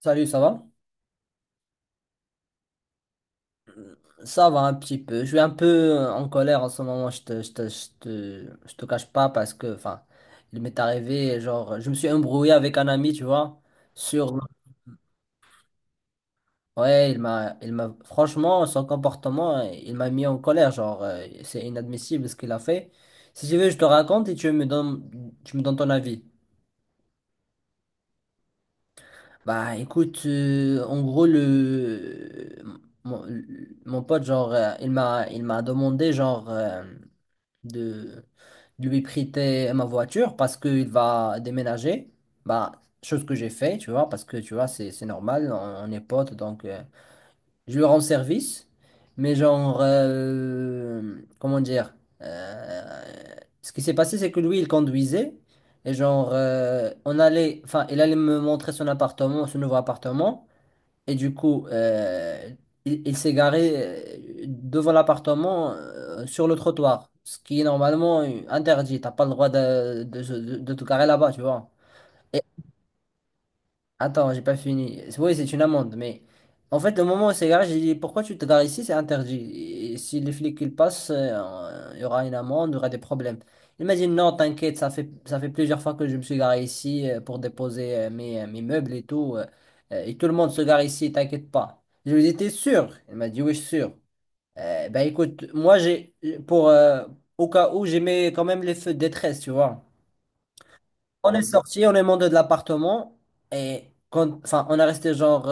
Salut, ça va? Ça va un petit peu. Je suis un peu en colère en ce moment, je te cache pas parce que, enfin, il m'est arrivé, genre, je me suis embrouillé avec un ami, tu vois, sur... Ouais, il m'a, franchement, son comportement, il m'a mis en colère, genre, c'est inadmissible ce qu'il a fait. Si tu veux, je te raconte et tu me donnes ton avis. Bah, écoute, en gros, mon, mon pote, genre, il m'a demandé, de, de lui prêter ma voiture parce qu'il va déménager. Bah, chose que j'ai fait, tu vois, parce que tu vois, c'est normal, on est potes, donc je lui rends service. Mais genre, comment dire, euh, ce qui s'est passé, c'est que lui, il conduisait. Et genre, il allait me montrer son appartement, son nouveau appartement. Et du coup, il s'est garé devant l'appartement sur le trottoir, ce qui est normalement interdit. T'as pas le droit de te garer là-bas, tu vois. Attends, j'ai pas fini. Oui, c'est une amende, mais en fait, le moment où c'est garé, j'ai dit pourquoi tu te gares ici, c'est interdit. Et si les flics ils passent, il y aura une amende, il y aura des problèmes. Il m'a dit non, t'inquiète, ça fait plusieurs fois que je me suis garé ici pour déposer mes meubles et tout. Et tout le monde se gare ici, t'inquiète pas. Je lui ai dit, t'es sûr? Il m'a dit oui, je suis sûr. Ben écoute, moi j'ai pour au cas où j'ai mis quand même les feux de détresse, tu vois. On est sorti, on est monté de l'appartement on est resté genre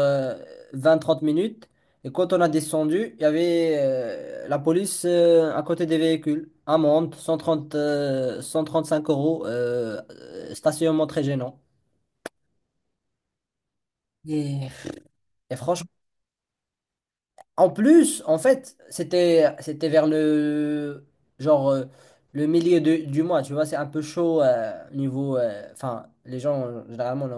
20-30 minutes. Et quand on a descendu, il y avait la police à côté des véhicules. Amende, 135 euros, stationnement très gênant. Et- Et franchement, en plus, en fait, c'était vers genre euh, le milieu de- du mois, tu vois, c'est un peu chaud niveau. Enfin, les gens, généralement,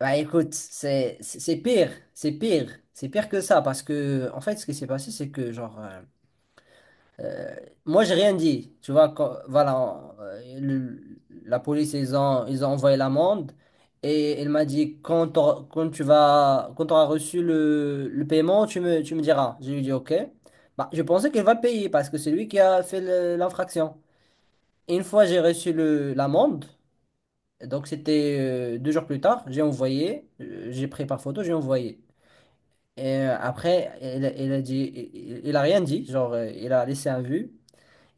bah écoute, c'est pire, c'est pire que ça parce que en fait ce qui s'est passé c'est que euh, moi j'ai rien dit, tu vois quand- voilà la police ils ont envoyé l'amende et elle m'a dit quand t'auras- quand tu vas quand tu auras reçu le paiement tu me diras. J'ai lui dit OK. Bah je pensais qu'elle va payer parce que c'est lui qui a fait le- l'infraction. Et une fois j'ai reçu le l'amende donc c'était deux jours plus tard, j'ai envoyé, j'ai pris par photo, j'ai envoyé. Et après, il a dit, il a rien dit, il a laissé un vu.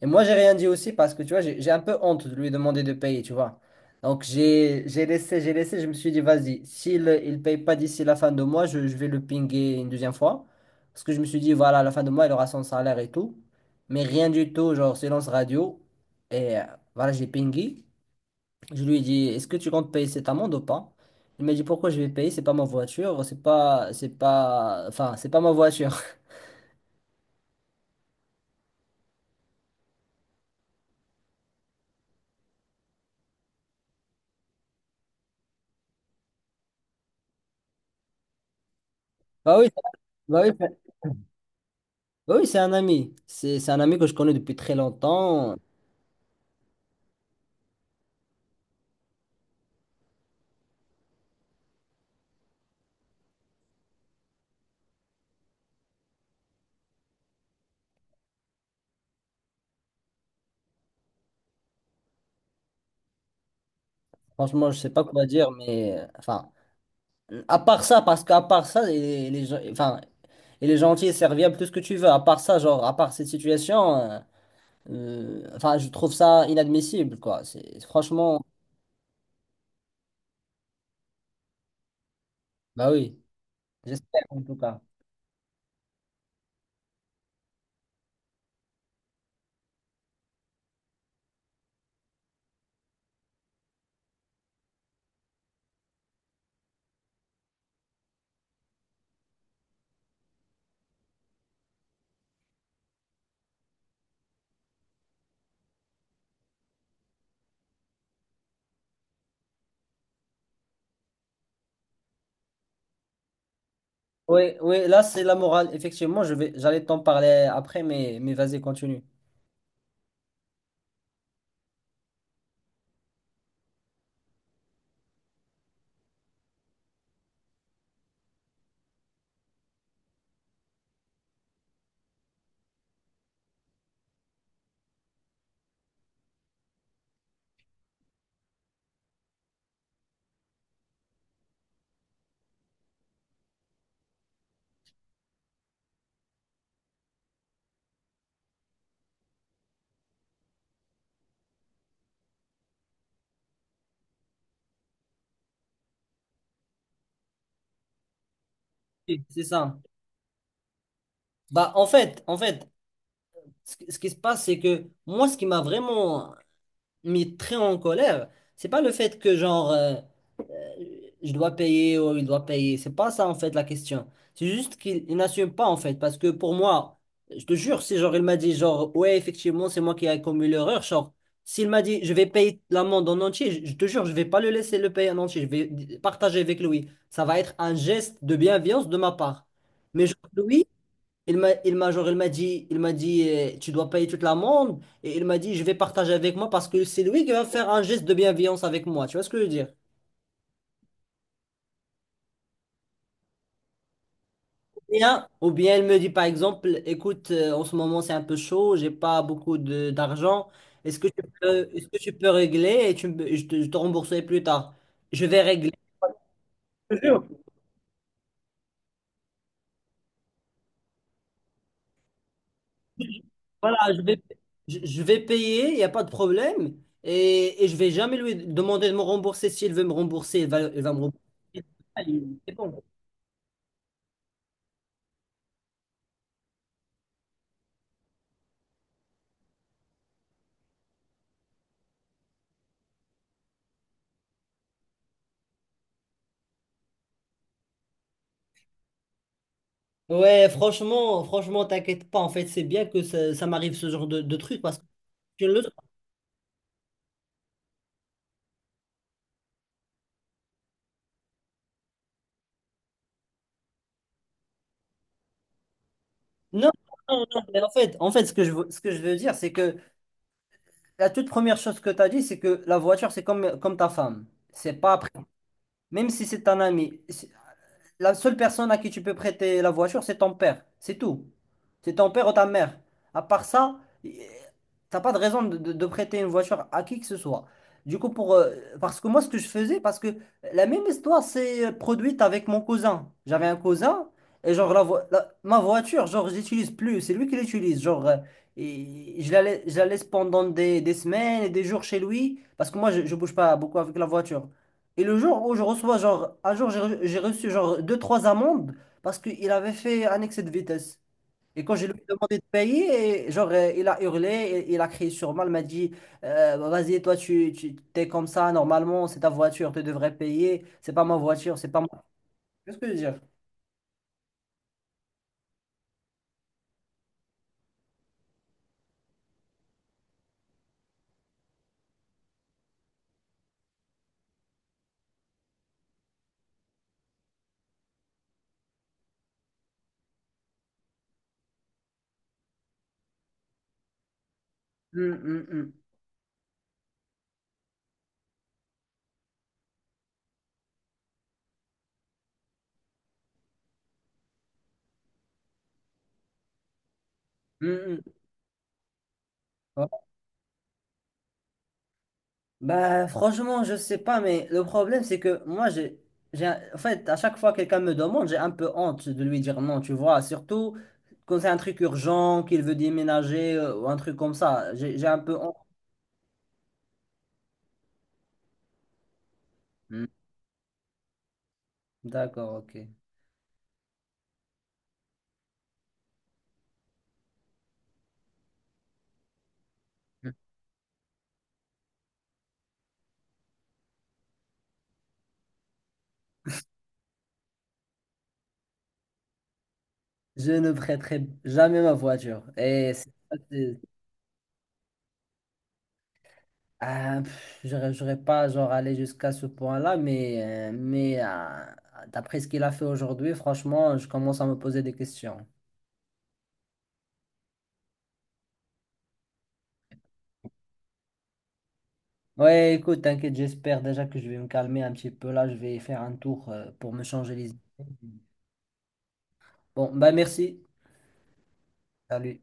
Et moi j'ai rien dit aussi parce que tu vois, j'ai un peu honte de lui demander de payer, tu vois. Donc j'ai laissé, je me suis dit vas-y, s'il il paye pas d'ici la fin de mois, je vais le pinguer une deuxième fois. Parce que je me suis dit voilà, à la fin de mois, il aura son salaire et tout. Mais rien du tout, genre silence radio. Et voilà, j'ai pingué. Je lui ai dit, est-ce que tu comptes payer cette amende ou pas? Il m'a dit, pourquoi je vais payer? C'est pas ma voiture, c'est pas ma voiture. Bah oui, Bah oui, c'est un ami. C'est un ami que je connais depuis très longtemps. Franchement, je sais pas quoi dire, mais, à part ça, parce qu'à part ça, il est gentil et serviable, tout ce que tu veux. À part ça, genre, à part cette situation, je trouve ça inadmissible, quoi. Bah oui, j'espère en tout cas. Oui, oui, là c'est la morale. Effectivement, j'allais t'en parler après, mais vas-y, continue. Oui, c'est ça. Bah, en fait, ce qui se passe, c'est que moi, ce qui m'a vraiment mis très en colère, c'est pas le fait que je dois payer ou il doit payer. C'est pas ça en fait la question. C'est juste qu'il il n'assume pas en fait. Parce que pour moi, je te jure, si genre il m'a dit genre ouais, effectivement, c'est moi qui ai commis l'erreur, genre s'il m'a dit je vais payer l'amende en entier, je te jure, je vais pas le laisser le payer en entier. Je vais d- partager avec lui. Ça va être un geste de bienveillance de ma part. Mais genre, lui, il m'a genre il m'a dit tu dois payer toute l'amende et il m'a dit je vais partager avec moi parce que c'est lui qui va faire un geste de bienveillance avec moi. Tu vois ce que je veux dire? Bien, ou bien elle me dit par exemple, écoute, en ce moment c'est un peu chaud, j'ai pas beaucoup de d'argent, est-ce que tu peux régler et tu me- je te rembourserai plus tard. Je vais régler. Je te jure. Voilà, je vais payer, il n'y a pas de problème, et je vais jamais lui demander de me rembourser. S'il veut me rembourser, il va me rembourser. C'est bon. Ouais, franchement, franchement, t'inquiète pas. En fait, c'est bien que ça m'arrive ce genre de truc parce que je le... Non, non, mais en fait, ce que je veux dire, c'est que la toute première chose que tu as dit, c'est que la voiture, c'est comme ta femme. C'est pas après. Même si c'est un ami la seule personne à qui tu peux prêter la voiture, c'est ton père. C'est tout. C'est ton père ou ta mère. À part ça, t'as pas de raison de prêter une voiture à qui que ce soit. Du coup, pour, parce que moi, ce que je faisais, parce que la même histoire s'est produite avec mon cousin. J'avais un cousin, et genre, ma voiture, genre, je l'utilise plus. C'est lui qui l'utilise. Genre, et je la laisse pendant des semaines et des jours chez lui, parce que moi, je bouge pas beaucoup avec la voiture. Et le jour où je reçois, genre, un jour, j'ai reçu, genre, deux, trois amendes parce qu'il avait fait un excès de vitesse. Et quand je lui ai demandé de payer, et, genre, il a hurlé, il a crié sur moi, il m'a dit, bah, vas-y, toi, tu t'es comme ça, normalement, c'est ta voiture, tu devrais payer, c'est pas moi. Qu'est-ce que je veux dire? Hum, hum, hum. Hum, hum. Bah, franchement, je sais pas, mais le problème, c'est que moi, j'ai, en fait, à chaque fois que quelqu'un me demande, j'ai un peu honte de lui dire non, tu vois, surtout quand c'est un truc urgent, qu'il veut déménager ou un truc comme ça, j'ai un peu honte. Hmm. D'accord, ok. Je ne prêterai jamais ma voiture. C'est- ah, pff, j'aurais pas genre allé jusqu'à ce point-là, mais, d'après ce qu'il a fait aujourd'hui, franchement, je commence à me poser des questions. Ouais, écoute, t'inquiète, j'espère déjà que je vais me calmer un petit peu là. Je vais faire un tour pour me changer les idées. Bon, bah merci. Salut.